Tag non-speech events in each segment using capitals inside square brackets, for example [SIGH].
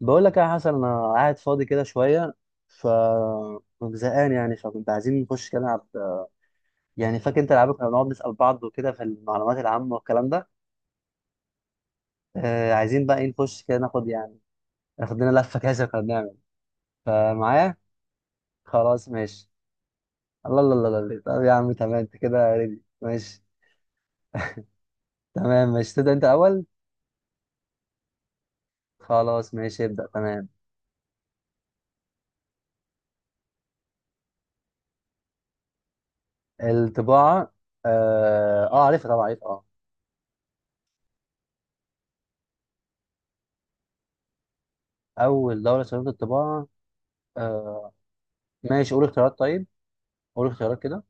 بقول لك يا حسن انا قاعد فاضي كده شويه ف زهقان يعني، فكنت عايزين نخش كده نلعب. يعني فاكر انت العاب كنا بنقعد نسال بعض وكده في المعلومات العامه والكلام ده. عايزين بقى ايه، نخش كده ناخد يعني، ناخد لنا لفه كده زي ما كنا بنعمل. فمعايا خلاص ماشي. الله الله الله الله، طب يا عم تمام، انت كده ريدي ماشي. تمام ماشي، تبدا انت اول. خلاص ماشي ابدا تمام. الطباعه. عارفها طبعا، عارفها اه. اول دوله استخدمت الطباعه. آه، ماشي قول اختيارات طيب، قول اختيارات كده.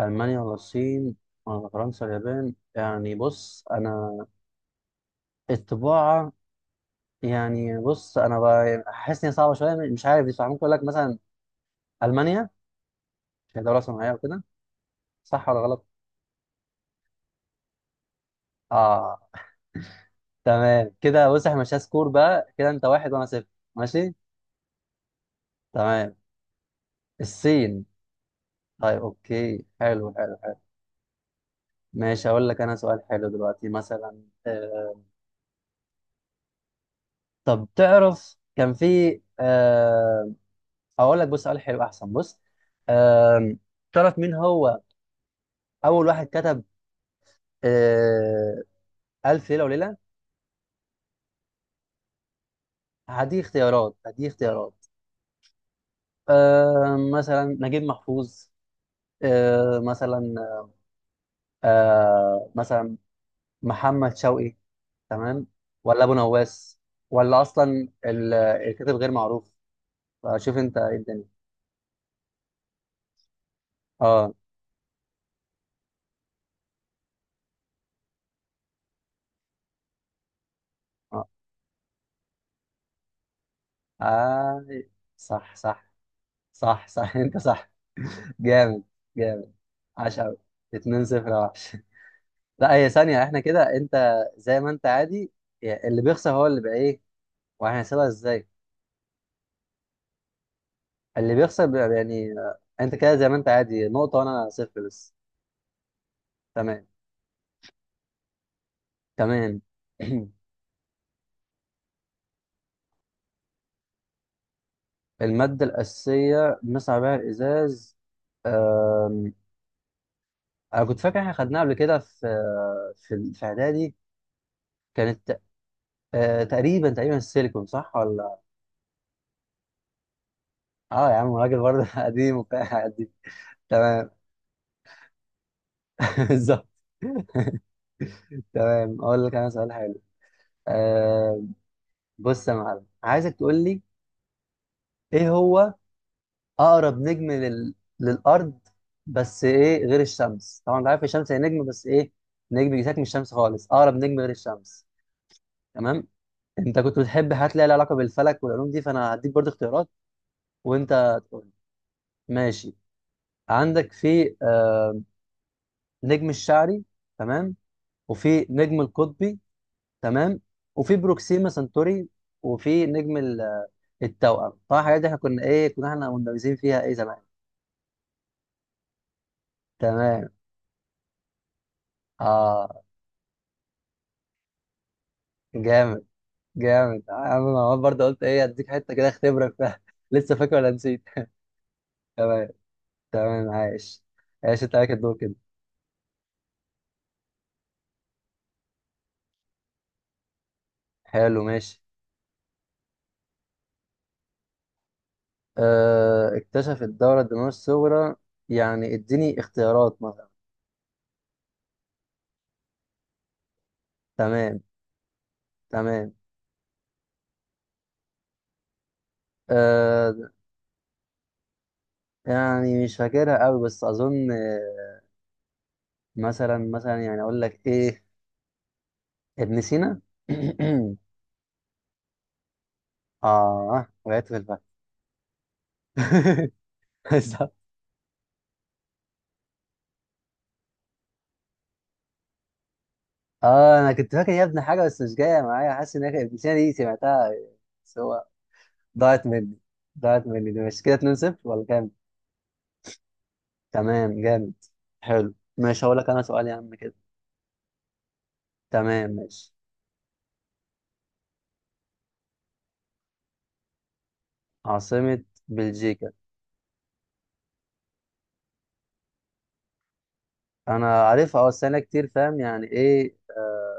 ألمانيا ولا الصين ولا فرنسا ولا اليابان؟ يعني بص أنا، الطباعة، يعني بص أنا حاسس إن هي صعبة شوية، مش عارف، بس ممكن أقول لك مثلا ألمانيا، عشان هي دولة صناعية وكده. صح ولا غلط؟ آه. تمام كده، بص إحنا مش سكور بقى كده، أنت واحد وأنا صفر. ماشي. تمام. الصين. طيب أوكي، حلو حلو حلو. ماشي أقول لك أنا سؤال حلو دلوقتي، مثلا طب تعرف كان في هقول لك بص سؤال حلو احسن، بص، آم، تعرف مين هو اول واحد كتب آه، الف ليله وليله؟ هدي اختيارات، هدي اختيارات. مثلا نجيب محفوظ مثلا، مثلا محمد شوقي، تمام، ولا ابو نواس، ولا اصلا الكاتب غير معروف. شوف انت ايه الدنيا. اه. اه آه، صح صح. صح صح. [LAUGHS] انت صح. جامد. جامد. عاش قوي. 2 0 يا وحش. لا هي ثانية، احنا كده انت زي ما انت عادي يعني، اللي بيخسر هو اللي بقى ايه. وهنحسبها ازاي؟ اللي بيخسر بيبقى يعني انت كده زي ما انت عادي نقطة، وانا صفر بس. تمام. تمام. [CLEARS THROAT] المادة الأساسية بنصنع بيها الإزاز. آم، أنا كنت فاكر احنا خدناها قبل كده في، في إعدادي. كانت ت- تقريبا تقريبا السيليكون، صح ولا؟ اه يا عم، راجل برضه [LAUGHS] قديم وبتاع قديم. تمام. [LAUGHS] بالظبط. تمام أقول لك أنا سؤال حلو. آه، بص يا معلم، عايزك تقول لي ايه هو اقرب نجم لل... للارض؟ بس ايه غير الشمس طبعا، انت عارف الشمس هي نجم، بس ايه نجم بيساك من الشمس خالص، اقرب نجم غير الشمس. تمام. انت كنت بتحب حاجات ليها علاقه بالفلك والعلوم دي، فانا هديك برضه اختيارات وانت تقول لي. ماشي. عندك في آه، نجم الشعري، تمام، وفي نجم القطبي، تمام، وفي بروكسيما سنتوري، وفي التوأم. طبعا الحاجات دي احنا كنا ايه، كنا احنا مندرسين فيها ايه زمان. تمام. اه جامد. جامد يا عم، انا عمال برضه قلت ايه اديك حته كده اختبرك فيها [LAUGHS] لسه فاكر ولا نسيت. [LAUGHS] تمام. تمام عايش. عايش، انت عليك الدور كده. حلو ماشي. آه، اكتشف الدورة الدموية الصغرى. يعني اديني اختيارات مثلا. تمام. تمام. آه. يعني مش فاكرها قوي، بس اظن مثلا يعني اقول لك ايه، ابن سينا. [CLEARS THROAT] اه وقعت في الفخ. [LAUGHS] اه انا كنت فاكر يا ابني حاجه، بس مش جايه معايا، حاسس ان هي البتاعه دي سمعتها بس هو، ضاعت مني. ضاعت مني. دي مش كده 2 0 ولا كام؟ تمام جامد. حلو ماشي هقول لك انا سؤال يا عم كده. تمام ماشي. عاصمه بلجيكا. انا عارفها اه، بس انا كتير فاهم يعني ايه،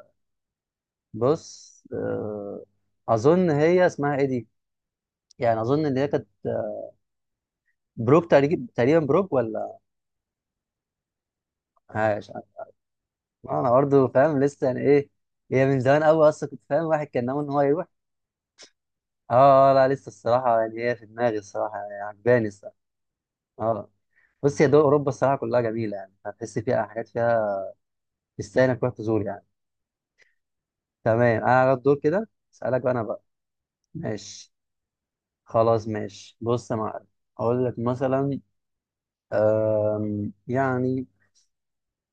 بص اظن هي اسمها ايه دي، يعني اظن ان هي كانت بروك تقريبا، تقريبا بروك ولا؟ عايش. انا برضه فاهم لسه يعني ايه. هي من زمان قوي اصلا، كنت فاهم واحد كان ناوي ان هو يروح. اه لا لسه الصراحه، يعني هي في دماغي الصراحه، يعني عجباني الصراحه. اه بص، هي دول اوروبا الصراحه كلها جميله، يعني هتحس فيها حاجات فيها، تستاهل انك تروح تزور يعني. تمام. انا على الدور كده. اسالك بقى انا بقى. ماشي. خلاص ماشي، بص يا معلم اقول لك مثلا، يعني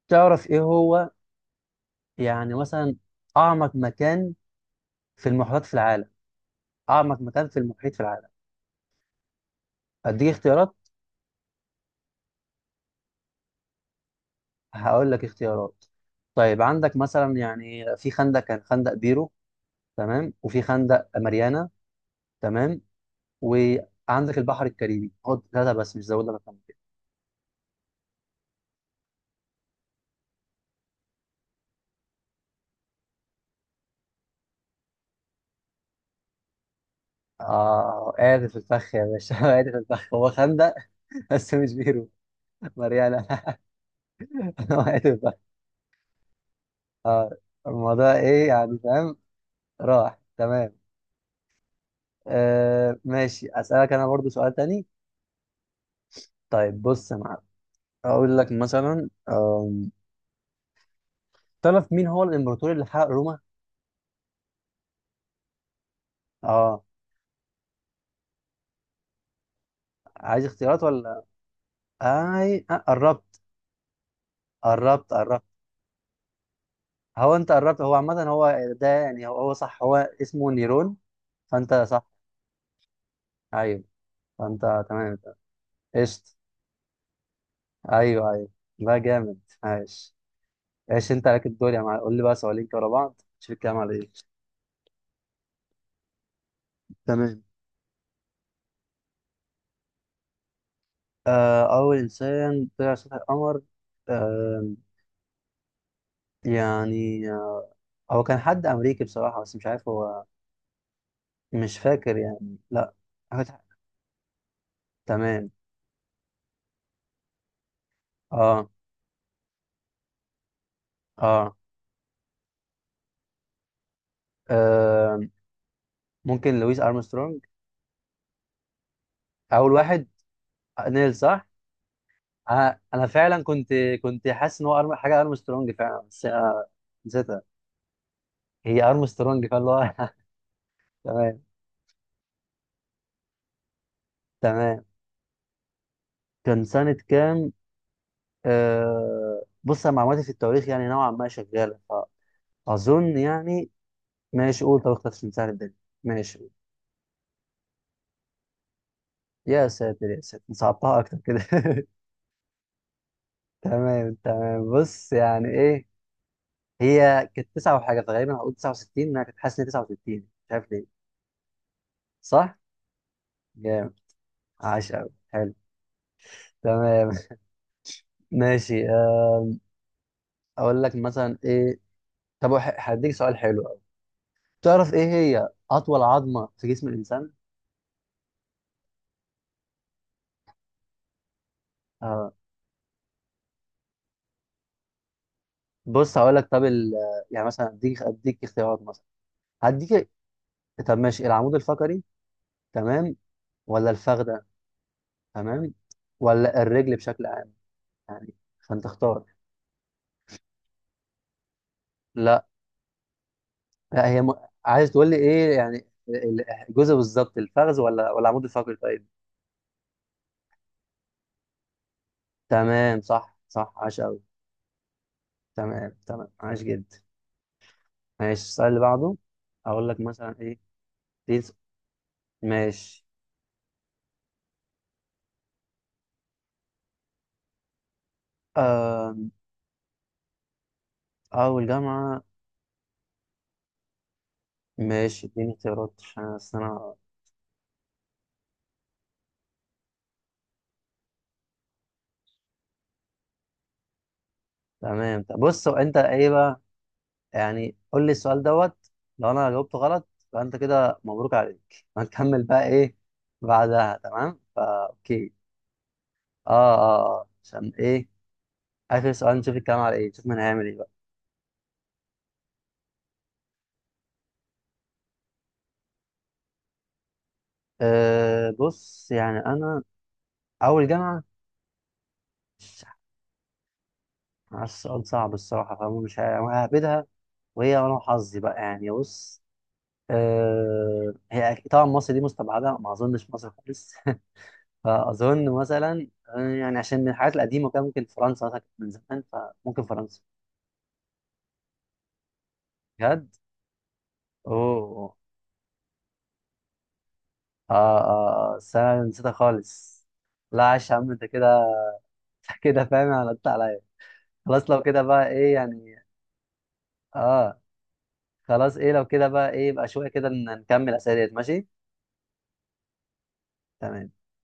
تعرف ايه هو، يعني مثلا اعمق مكان في المحيطات في العالم؟ اعمق مكان في المحيط في العالم. اديك اختيارات. هقول لك اختيارات. طيب عندك مثلا يعني، في خندق كان خندق بيرو تمام، وفي خندق ماريانا تمام، وعندك البحر الكاريبي. خد ثلاثة بس، مش زودنا مكان كده. اه قاعد في الفخ يا باشا. [LAUGHS] قاعد في الفخ. هو خندق [LAUGHS] بس مش بيرو. ماريانا. [LAUGHS] هو قاعد في الفخ. اه. الموضوع ايه، يعني فاهم. راح. تمام. آه ماشي اسألك انا برضو سؤال تاني. طيب بص يا معلم، اقول لك مثلا تعرف مين هو الامبراطور اللي حرق روما؟ اه. عايز اختيارات ولا؟ اي آه قربت. قربت قربت. هو انت قربت، هو عامة هو هو صح، هو اسمه نيرون، فانت صح. ايوه. فانت تمام. قشطة. ايوه ايوه. لا جامد. عايش. ايش، انت عليك الدور يا معلم، قول لي بقى سؤالين كده ورا بعض شوف الكلام على ايه. تمام. آه اول انسان طلع على سطح القمر. آه. يعني هو كان حد امريكي بصراحة، بس مش عارف هو. مش فاكر يعني، لا. حاجة- تمام. اه اه آه، ممكن لويس ارمسترونج. اول واحد. نيل صح. أنا فعلا كنت، كنت حاسس ان هو حاجه ارمسترونج فعلا، بس أنا نسيتها. هي ارمسترونج، فاللي هو. [LAUGHS] تمام. تمام كان سنه كام. آه... بص أنا معلوماتي في التواريخ يعني نوعا ما شغاله، فاظن يعني. ماشي قول، طب اختار سهل الدنيا. ماشي قول. يا ساتر، يا ساتر، صعبتها اكتر كده. [LAUGHS] تمام تمام، بص يعني ايه، هي كانت تسعة وحاجة، فغالبا هقول 69. انا كنت حاسس ان هي 69، مش عارف ليه. صح؟ جامد. عاش قوي حلو. تمام. [LAUGHS] ماشي. اقول لك مثلا ايه، هديك سؤال حلو قوي. تعرف ايه هي اطول عظمه في جسم الانسان؟ آه بص هقول لك. يعني مثلا اديك، اديك اختيارات مثلا. هديك. طب ماشي، العمود الفقري تمام، ولا الفخده تمام، ولا الرجل بشكل عام يعني، فانت اختار. لا. لا هي عايز تقول لي ايه يعني، الجزء بالظبط، الفخذ ولا ولا العمود الفقري طيب. تمام صح صح عاش قوي. تمام تمام عاش جدا. ماشي السؤال اللي بعده، اقول لك مثلا ايه. ماشي. آه أول جامعة. ماشي اديني اختيارات عشان أصل أنا. تمام. طب بص، هو أنت إيه بقى يعني، قول لي السؤال دوت، لو أنا جاوبته غلط فأنت كده مبروك عليك هنكمل بقى إيه بعدها. تمام فا أوكي. آه عشان إيه. آخر سؤال نشوف الكلام على إيه، نشوف مين هيعمل إيه بقى. آه بص يعني أنا، أول جامعة، مش عارف، السؤال صعب الصراحة، فمش ههبدها، وهي أنا وحظي بقى يعني. بص هي طبعا مصر دي مستبعده، ما اظنش مصر خالص. [LAUGHS] فاظن مثلا يعني عشان من الحاجات القديمه، كان ممكن فرنسا مثلا كانت من زمان، فممكن فرنسا. بجد. اوه. اه اه بس انا نسيتها خالص. لا عاش يا عم، انت كده [LAUGHS] كده فاهم غلطت عليا. خلاص لو كده بقى ايه يعني. اه خلاص، ايه لو كده بقى ايه، يبقى شويه كده نكمل اسئله ماشي. تمام.